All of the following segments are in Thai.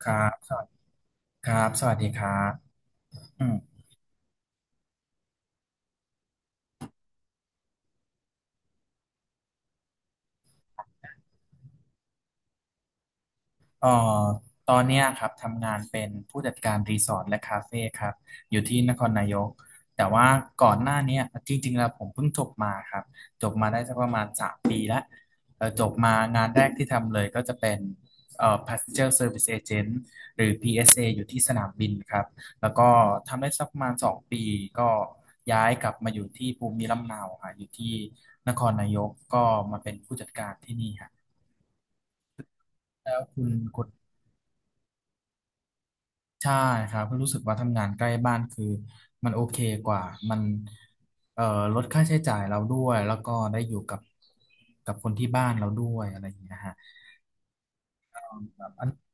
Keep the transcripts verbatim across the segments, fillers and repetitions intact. ครับ สวัสดีครับสวัสดีครับอืม เอ่อตอนเนี้ยครับทำงานเป็นผู้จัดการรีสอร์ทและคาเฟ่ครับอยู่ที่นครนายกแต่ว่าก่อนหน้าเนี้ยจริงๆแล้วผมเพิ่งจบมาครับจบมาได้สักประมาณสามปีแล้วเอ่อจบมางานแรกที่ทำเลยก็จะเป็นเอ่อ Passenger Service Agent หรือ พี เอส เอ อสเออยู่ที่สนามบินครับแล้วก็ทำได้สักประมาณสองปีก็ย้ายกลับมาอยู่ที่ภูมิลำเนาค่ะอยู่ที่นครนายกก็มาเป็นผู้จัดการที่นี่ครับแล้วคุณคุณ ใช่ครับรู้สึกว่าทำงานใกล้บ้านคือมันโอเคกว่ามันเอ่อลดค่าใช้จ่ายเราด้วยแล้วก็ได้อยู่กับกับคนที่บ้านเราด้วยอะไรอย่างเงี้ยฮะอัน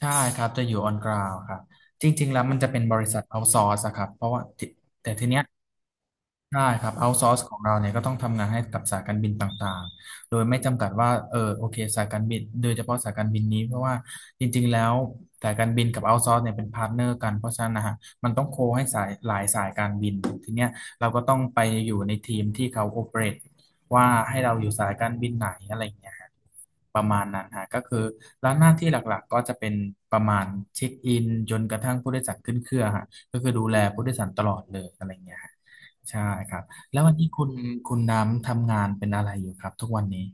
ใช่ครับจะอยู่ออนกราวครับจริงๆแล้วมันจะเป็นบริษัทเอาซอสครับเพราะว่าที่แต่ทีเนี้ย ใช่ครับเอาซอร์สของเราเนี่ยก็ต้องทำงานให้กับสายการบินต่างๆโดยไม่จำกัดว่าเออโอเคสายการบินโดยเฉพาะสายการบินนี้เพราะว่าจริงๆแล้วสายการบินกับเอาซอร์สเนี่ยเป็นพาร์ทเนอร์กันเพราะฉะนั้นนะฮะมันต้องโคให้สายหลายสายการบินทีเนี้ยเราก็ต้องไปอยู่ในทีมที่เขาโอเปเรตว่าให้เราอยู่สายการบินไหนอะไรอย่างเงี้ยฮะประมาณนั้นฮะก็คือแล้วหน้าที่หลักๆก็จะเป็นประมาณเช็คอินจนกระทั่งผู้โดยสารขึ้นเครื่องฮะก็คือดูแลผู้โดยสารตลอดเลยอะไรอย่างเงี้ยฮะ ใช่ครับแล้ววันนี้คุณคุณน้ำทำงานเป็นอะไรอยู่ครับทุกวันนี้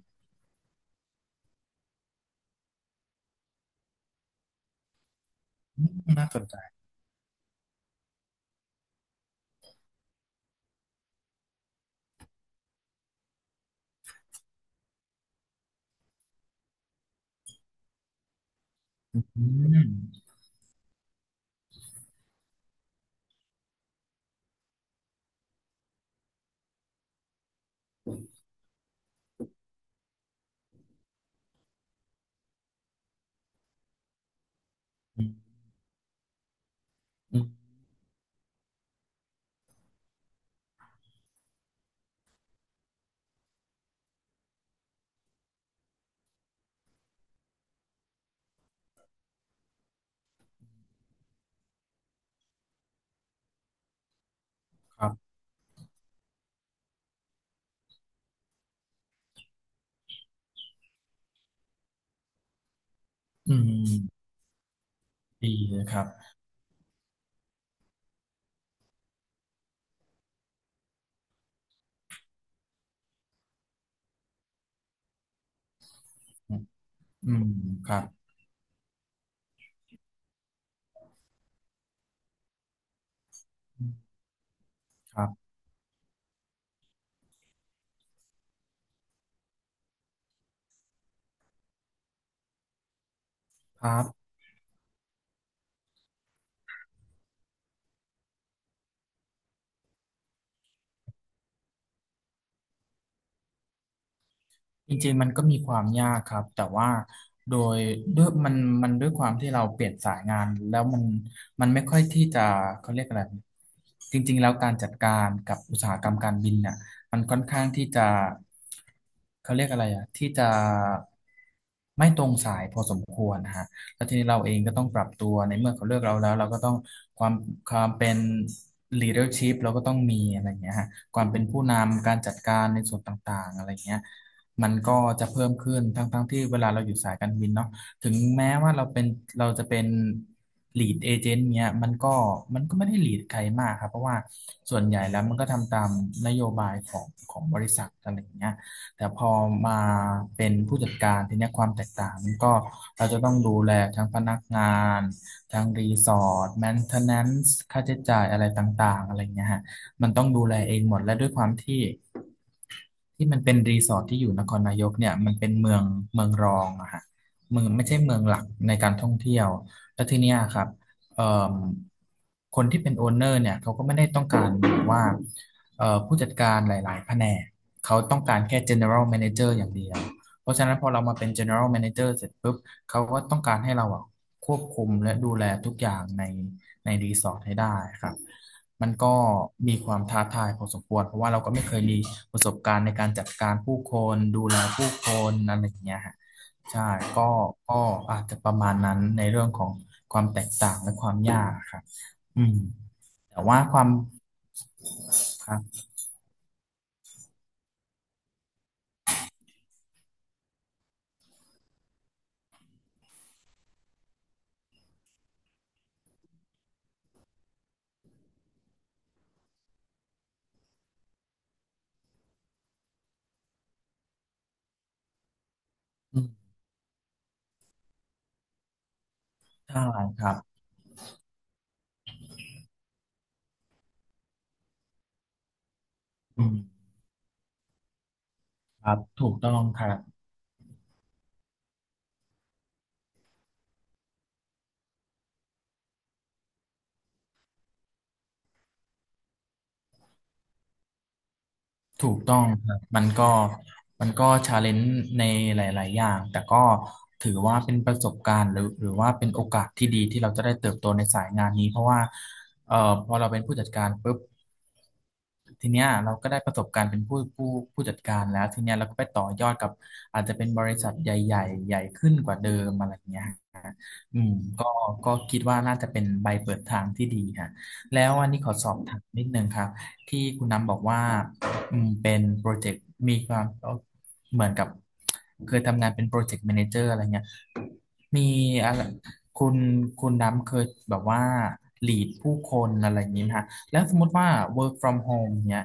อืมน่าสนใจอืมอืมอืมครับอืมดีเลยครับอืมครับครับครับ จริงๆมันก็มีความยากครับแต่ว่าโดยด้วยมันมันด้วยความที่เราเปลี่ยนสายงานแล้วมันมันไม่ค่อยที่จะเขาเรียกอะไรจริงๆแล้วการจัดการกับอุตสาหกรรมการบินเน่ยมันค่อนข้างที่จะเขาเรียกอะไรอ่ะที่จะไม่ตรงสายพอสมควรนะฮะแล้วทีนี้เราเองก็ต้องปรับตัวในเมื่อเขาเลือกเราแล้วเราก็ต้องความความเป็น leadership เราก็ต้องมีอะไรอย่างเงี้ยฮะความเป็นผู้นำการจัดการในส่วนต่างๆอะไรอย่างเงี้ย มันก็จะเพิ่มขึ้นทั้งทั้งที่เวลาเราอยู่สายการบินเนาะถึงแม้ว่าเราเป็นเราจะเป็น lead agent เนี่ยมันก็มันก็ไม่ได้ lead ใครมากครับเพราะว่าส่วนใหญ่แล้วมันก็ทำตามนโยบายของของบริษัทอะไรอย่างเงี้ยแต่พอมาเป็นผู้จัดการทีเนี้ยความแตกต่างมันก็เราจะต้องดูแลทั้งพนักงานทั้งรีสอร์ทแมนเทนแนนซ์ค่าใช้จ่ายอะไรต่างๆอะไรเงี้ยฮะมันต้องดูแลเองหมดและด้วยความที่ ที่มันเป็นรีสอร์ทที่อยู่นครนายกเนี่ยมันเป็นเมืองเมืองรองอะฮะเมืองไม่ใช่เมืองหลักในการท่องเที่ยวแล้วทีเนี้ยครับเอ่อคนที่เป็นโอนเนอร์เนี่ยเขาก็ไม่ได้ต้องการแบบว่าเอ่อผู้จัดการหลายๆแผนกเขาต้องการแค่ general manager อย่างเดียว เพราะฉะนั้นพอเรามาเป็น general manager เสร็จปุ๊บเขาก็ต้องการให้เราอะควบคุมและดูแลทุกอย่างในในรีสอร์ทให้ได้ครับมันก็มีความท้าทายพอสมควรเพราะว่าเราก็ไม่เคยมีประสบการณ์ในการจัดการผู้คนดูแลผู้คนอะไรอย่างเงี้ยฮะใช่ก็ก็อาจจะประมาณนั้นในเรื่องของความแตกต่างและความยากครับอืมแต่ว่าความครับอืมใช่ครับอืมครับถูกต้องครับ ถูกต้องครับมันก็มันก็ชาเลนจ์ในหลาย ๆ อย่างแต่ก็ถือว่าเป็นประสบการณ์หรือหรือว่าเป็นโอกาสที่ดีที่เราจะได้เติบโตในสายงานนี้เพราะว่าเอ่อพอเราเป็นผู้จัดการปุ๊บ ทีเนี้ยเราก็ได้ประสบการณ์เป็นผู้ผู้ผู้จัดการแล้วทีเนี้ยเราก็ไปต่อยอดกับอาจจะเป็นบริษัทใหญ่ๆใหญ่ขึ้นกว่าเดิมอะไรเงี้ยฮะอืมก็ก็คิดว่าน่าจะเป็นใบเปิดทางที่ดีค่ะแล้วอันนี้ขอสอบถามนิดนึงครับที่คุณน้ำบอกว่าอืมเป็นโปรเจกต์มีความเหมือนกับเคยทำงานเป็นโปรเจกต์แมเนเจอร์อะไรเงี้ยมีอะไรคุณคุณน้ำเคยแบบว่าลีดผู้คนอะไรอย่างนี้ไหมฮะ แล้วสมมติว่า work from home เนี่ย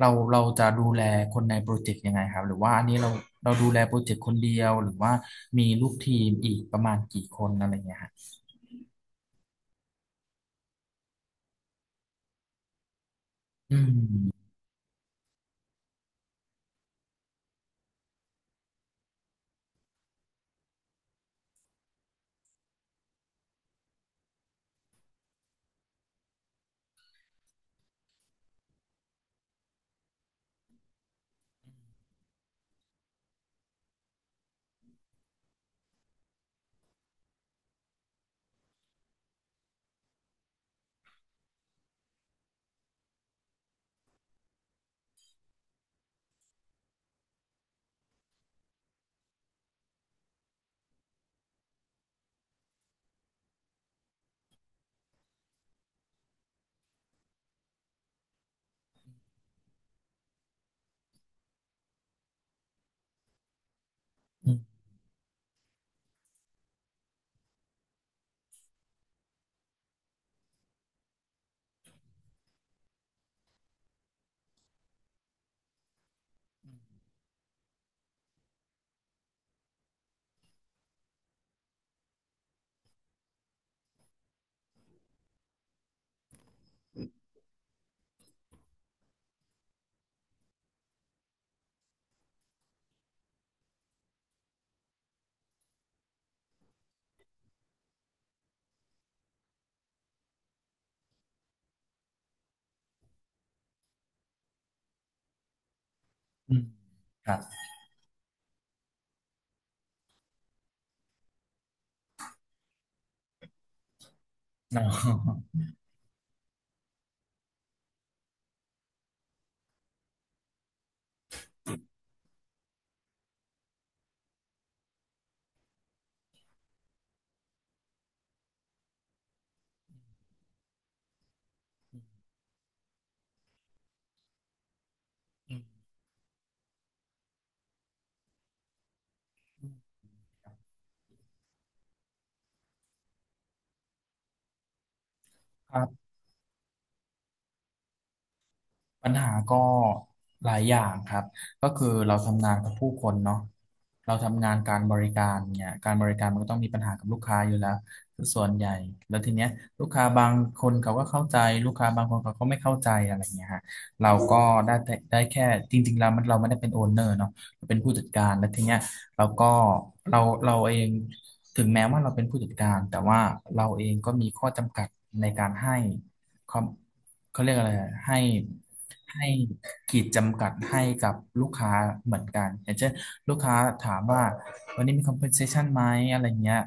เราเราจะดูแลคนในโปรเจกต์ยังไงครับ หรือว่าอันนี้เราเราดูแลโปรเจกต์คนเดียว หรือว่ามีลูกทีมอีกประมาณกี่คนอะไรเงี้ยฮะอืมอืมอืมครับอออืมอืมครับ ปัญหาก็หลายอย่างครับ ก็คือเราทำงานกับผู้คนเนาะเราทำงานการบริการเนี่ยการบริการมันก็ต้องมีปัญหากับลูกค้าอยู่แล้วส่วนใหญ่แล้วทีเนี้ยลูกค้าบางคนเขาก็เข้าใจลูกค้าบางคนเขาก็ไม่เข้าใจอะไรเงี้ยฮะเราก็ได้แต่ได้แค่จริงๆเรามันเราไม่ได้เป็นโอนเนอร์เนาะเราเป็นผู้จัดการแล้วทีเนี้ยเราก็เราเราเองถึงแม้ว่าเราเป็นผู้จัดการแต่ว่าเราเองก็มีข้อจำกัดในการให้ ความเขาเรียกอะไรอะให้ให้ขีดจำกัดให้กับลูกค้าเหมือนกันอย่างเช่นลูกค้าถามว่าวันนี้มี compensation ไหมอะไรเงี้ย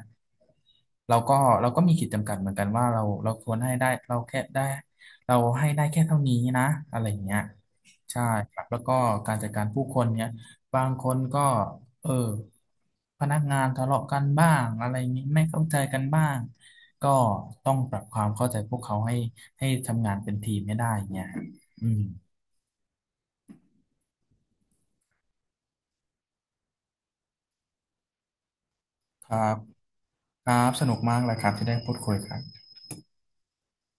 เราก็เราก็มีขีดจำกัดเหมือนกันว่าเราเราควรให้ได้เราแค่ได้เราให้ได้แค่เท่านี้นะอะไรเงี้ยใช่ครับแล้วก็การจัดการผู้คนเนี้ยบางคนก็เออพนักงานทะเลาะกันบ้างอะไรนี้ไม่เข้าใจกันบ้างก็ต้องปรับความเข้าใจพวกเขาให้ ให้ทำงานเป็นทีมไม่ได้เงี้ยอืมครับครับ สนุกมากเลยครับที่ได้พูดคุยครับ